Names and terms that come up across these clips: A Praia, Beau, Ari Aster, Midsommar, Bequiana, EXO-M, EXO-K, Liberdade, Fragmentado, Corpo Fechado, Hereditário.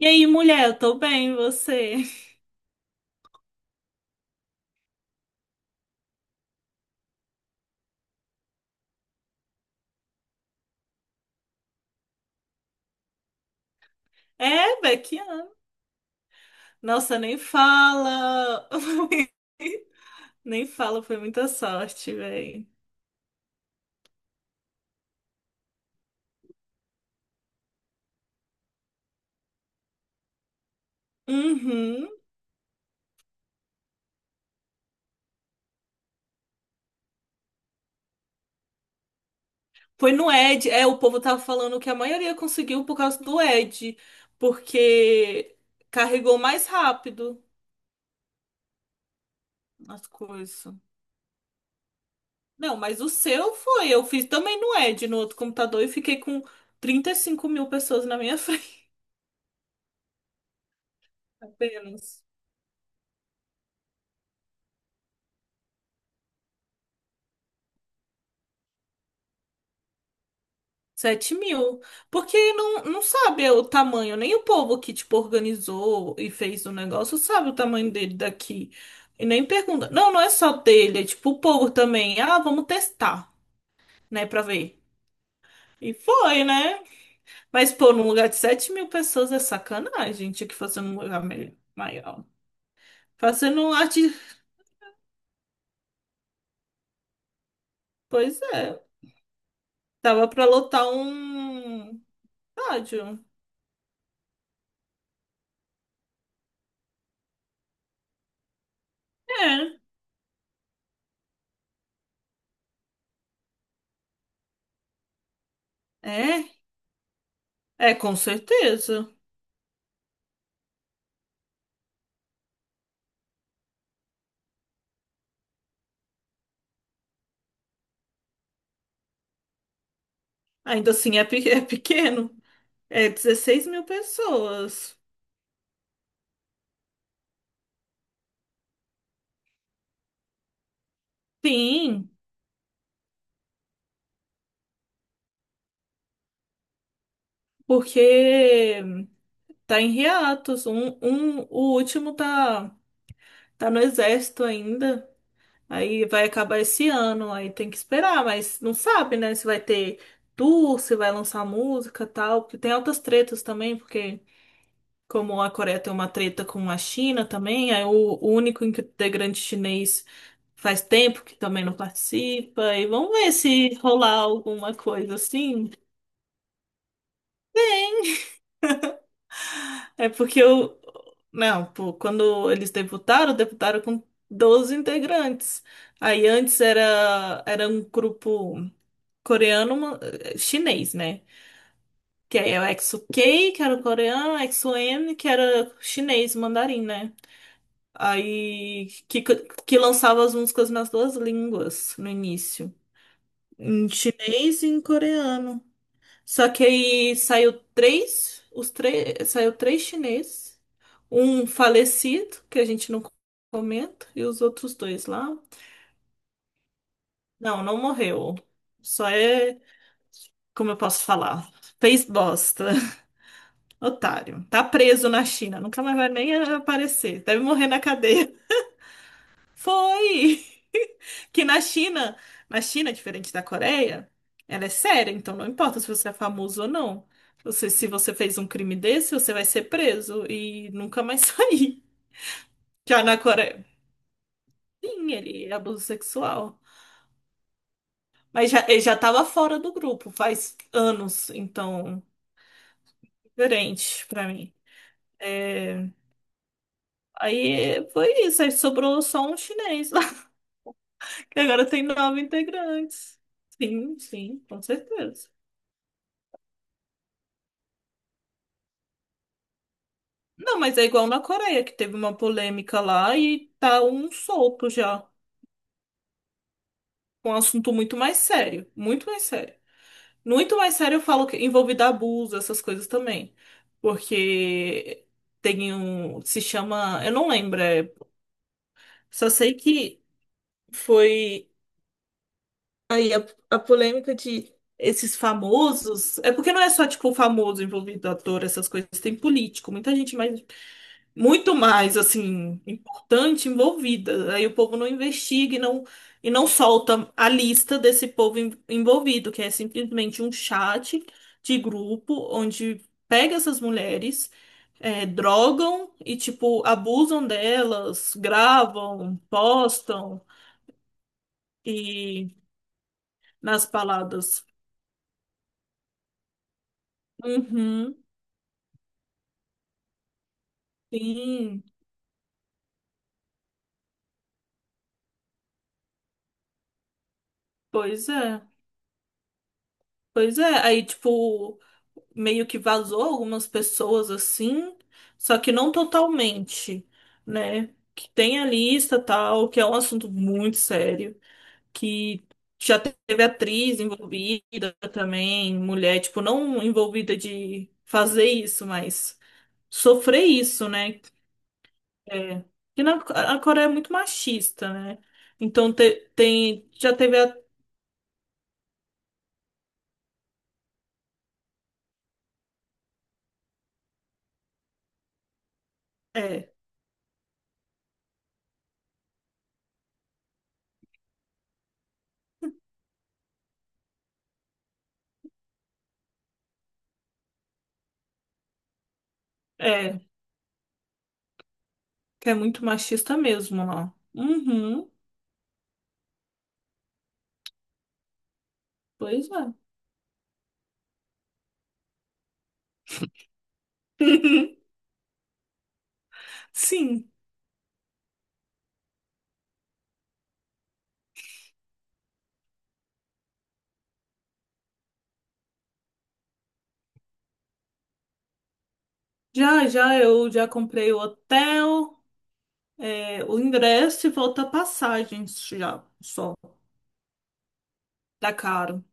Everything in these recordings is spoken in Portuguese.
E aí, mulher, eu tô bem, e você? É, Bequiana. Nossa, nem fala. Nem fala, foi muita sorte, véi. Uhum. Foi no Ed. É, o povo tava falando que a maioria conseguiu por causa do Ed, porque carregou mais rápido as coisas. Não, mas o seu foi. Eu fiz também no Ed, no outro computador, e fiquei com 35.000 pessoas na minha frente apenas. Sete mil. Porque não sabe o tamanho, nem o povo que, tipo, organizou e fez o negócio sabe o tamanho dele daqui. E nem pergunta. Não é só dele, é tipo o povo também. Ah, vamos testar, né, pra ver. E foi, né? Mas, pô, num lugar de 7.000 pessoas é sacanagem. Tinha que fazer num lugar maior. Fazendo um arte. Pois é. Tava pra lotar um estádio. É, é, é, com certeza. Ainda assim é é pequeno. É 16.000 pessoas. Sim, porque tá em hiatos. Um, o último tá, tá no exército ainda. Aí vai acabar esse ano, aí tem que esperar, mas não sabe, né, se vai ter tour, se vai lançar música, e tal, porque tem altas tretas também, porque como a Coreia tem uma treta com a China também, aí o único integrante chinês faz tempo que também não participa, e vamos ver se rolar alguma coisa assim. É porque eu. Não, pô, quando eles debutaram, debutaram com 12 integrantes. Aí antes era um grupo coreano, chinês, né? Que aí é o EXO-K, que era o coreano, EXO-M, que era chinês, mandarim, né? Aí que lançava as músicas nas duas línguas no início, em chinês e em coreano. Só que aí saiu três, os três, saiu três chineses, um falecido, que a gente não comenta, e os outros dois lá. Não, não morreu. Só é, como eu posso falar? Fez bosta. Otário. Tá preso na China, nunca mais vai nem aparecer. Deve morrer na cadeia. Foi! Que na China, diferente da Coreia, ela é séria, então não importa se você é famoso ou não. Você, se você fez um crime desse, você vai ser preso e nunca mais sair. Já na Coreia, sim, ele é abuso sexual. Mas já, ele já tava fora do grupo faz anos, então, diferente pra mim. É, aí foi isso, aí sobrou só um chinês lá, que agora tem 9 integrantes. Sim, sim, com certeza. Não, mas é igual na Coreia, que teve uma polêmica lá e tá um solto já. Um assunto muito mais sério. Muito mais sério. Muito mais sério, eu falo que envolvido abuso, essas coisas também. Porque tem um. Se chama. Eu não lembro. Só sei que foi aí a polêmica de esses famosos. É porque não é só, tipo, famoso envolvido, ator, essas coisas. Tem político, muita gente mais. Muito mais assim importante envolvida. Aí o povo não investiga e não solta a lista desse povo envolvido, que é simplesmente um chat de grupo onde pega essas mulheres, drogam e tipo abusam delas, gravam, postam e nas baladas. Uhum, sim, pois é. Pois é, aí tipo meio que vazou algumas pessoas assim, só que não totalmente, né? Que tem a lista tal, que é um assunto muito sério, que já teve atriz envolvida também, mulher, tipo, não envolvida de fazer isso, mas sofrer isso, né? É. A Coreia é muito machista, né? Então tem, já teve a, é, é, que é muito machista mesmo lá. Uhum, pois é. Sim. Já, eu já comprei o hotel, é, o ingresso e volta a passagens já, só. Tá caro.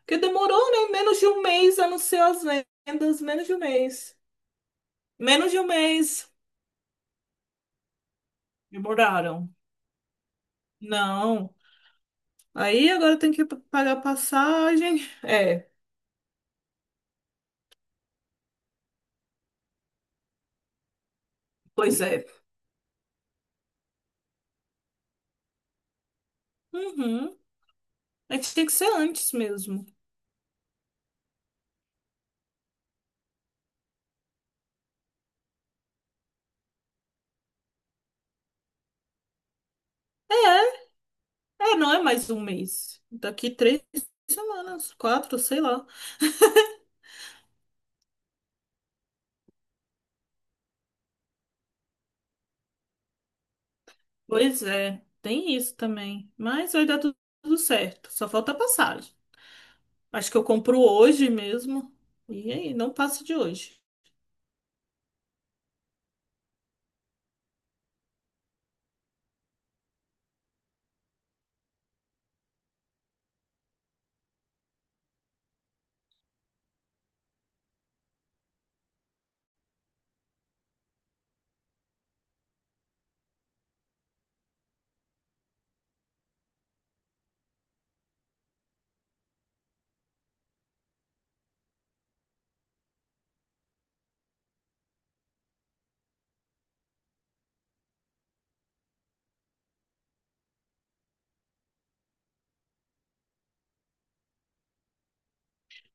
Porque demorou, né? Menos de um mês, a não ser as vendas, menos de um mês. Menos de um mês. Demoraram. Não. Aí agora tem que pagar passagem. É, pois é. Uhum. A gente tem que ser antes mesmo. É, é, não é mais um mês. Daqui três semanas, quatro, sei lá. Pois é, tem isso também. Mas vai tudo certo. Só falta a passagem. Acho que eu compro hoje mesmo. E é aí, não passa de hoje.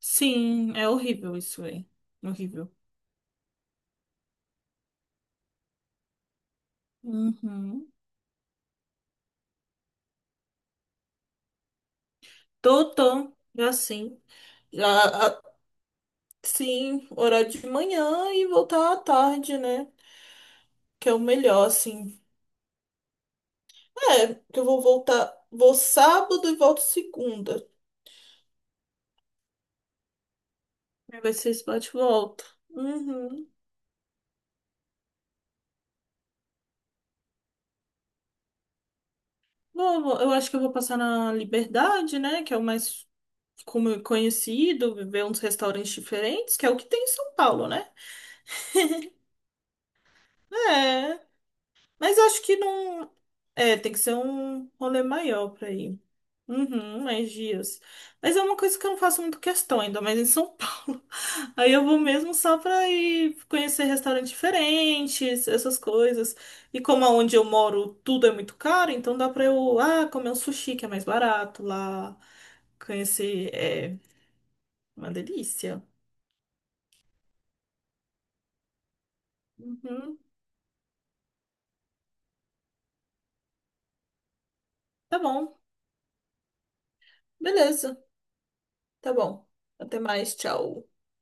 Sim, é horrível isso aí. Horrível. Uhum. Tô. Já sim. Já, a- sim, horário de manhã e voltar à tarde, né? Que é o melhor, assim. É, que eu vou voltar. Vou sábado e volto segunda. Aí vai ser esse bate-volta. Eu acho que eu vou passar na Liberdade, né? Que é o mais conhecido, ver uns restaurantes diferentes, que é o que tem em São Paulo, né? É. Mas acho que não. É, tem que ser um rolê maior pra ir. Uhum, mais dias. Mas é uma coisa que eu não faço muito questão ainda, mas em São Paulo. Aí eu vou mesmo só pra ir conhecer restaurantes diferentes, essas coisas. E como aonde eu moro tudo é muito caro, então dá pra eu, ah, comer um sushi que é mais barato lá. Conhecer, é uma delícia. Uhum, tá bom, beleza, tá bom. Até mais, tchau.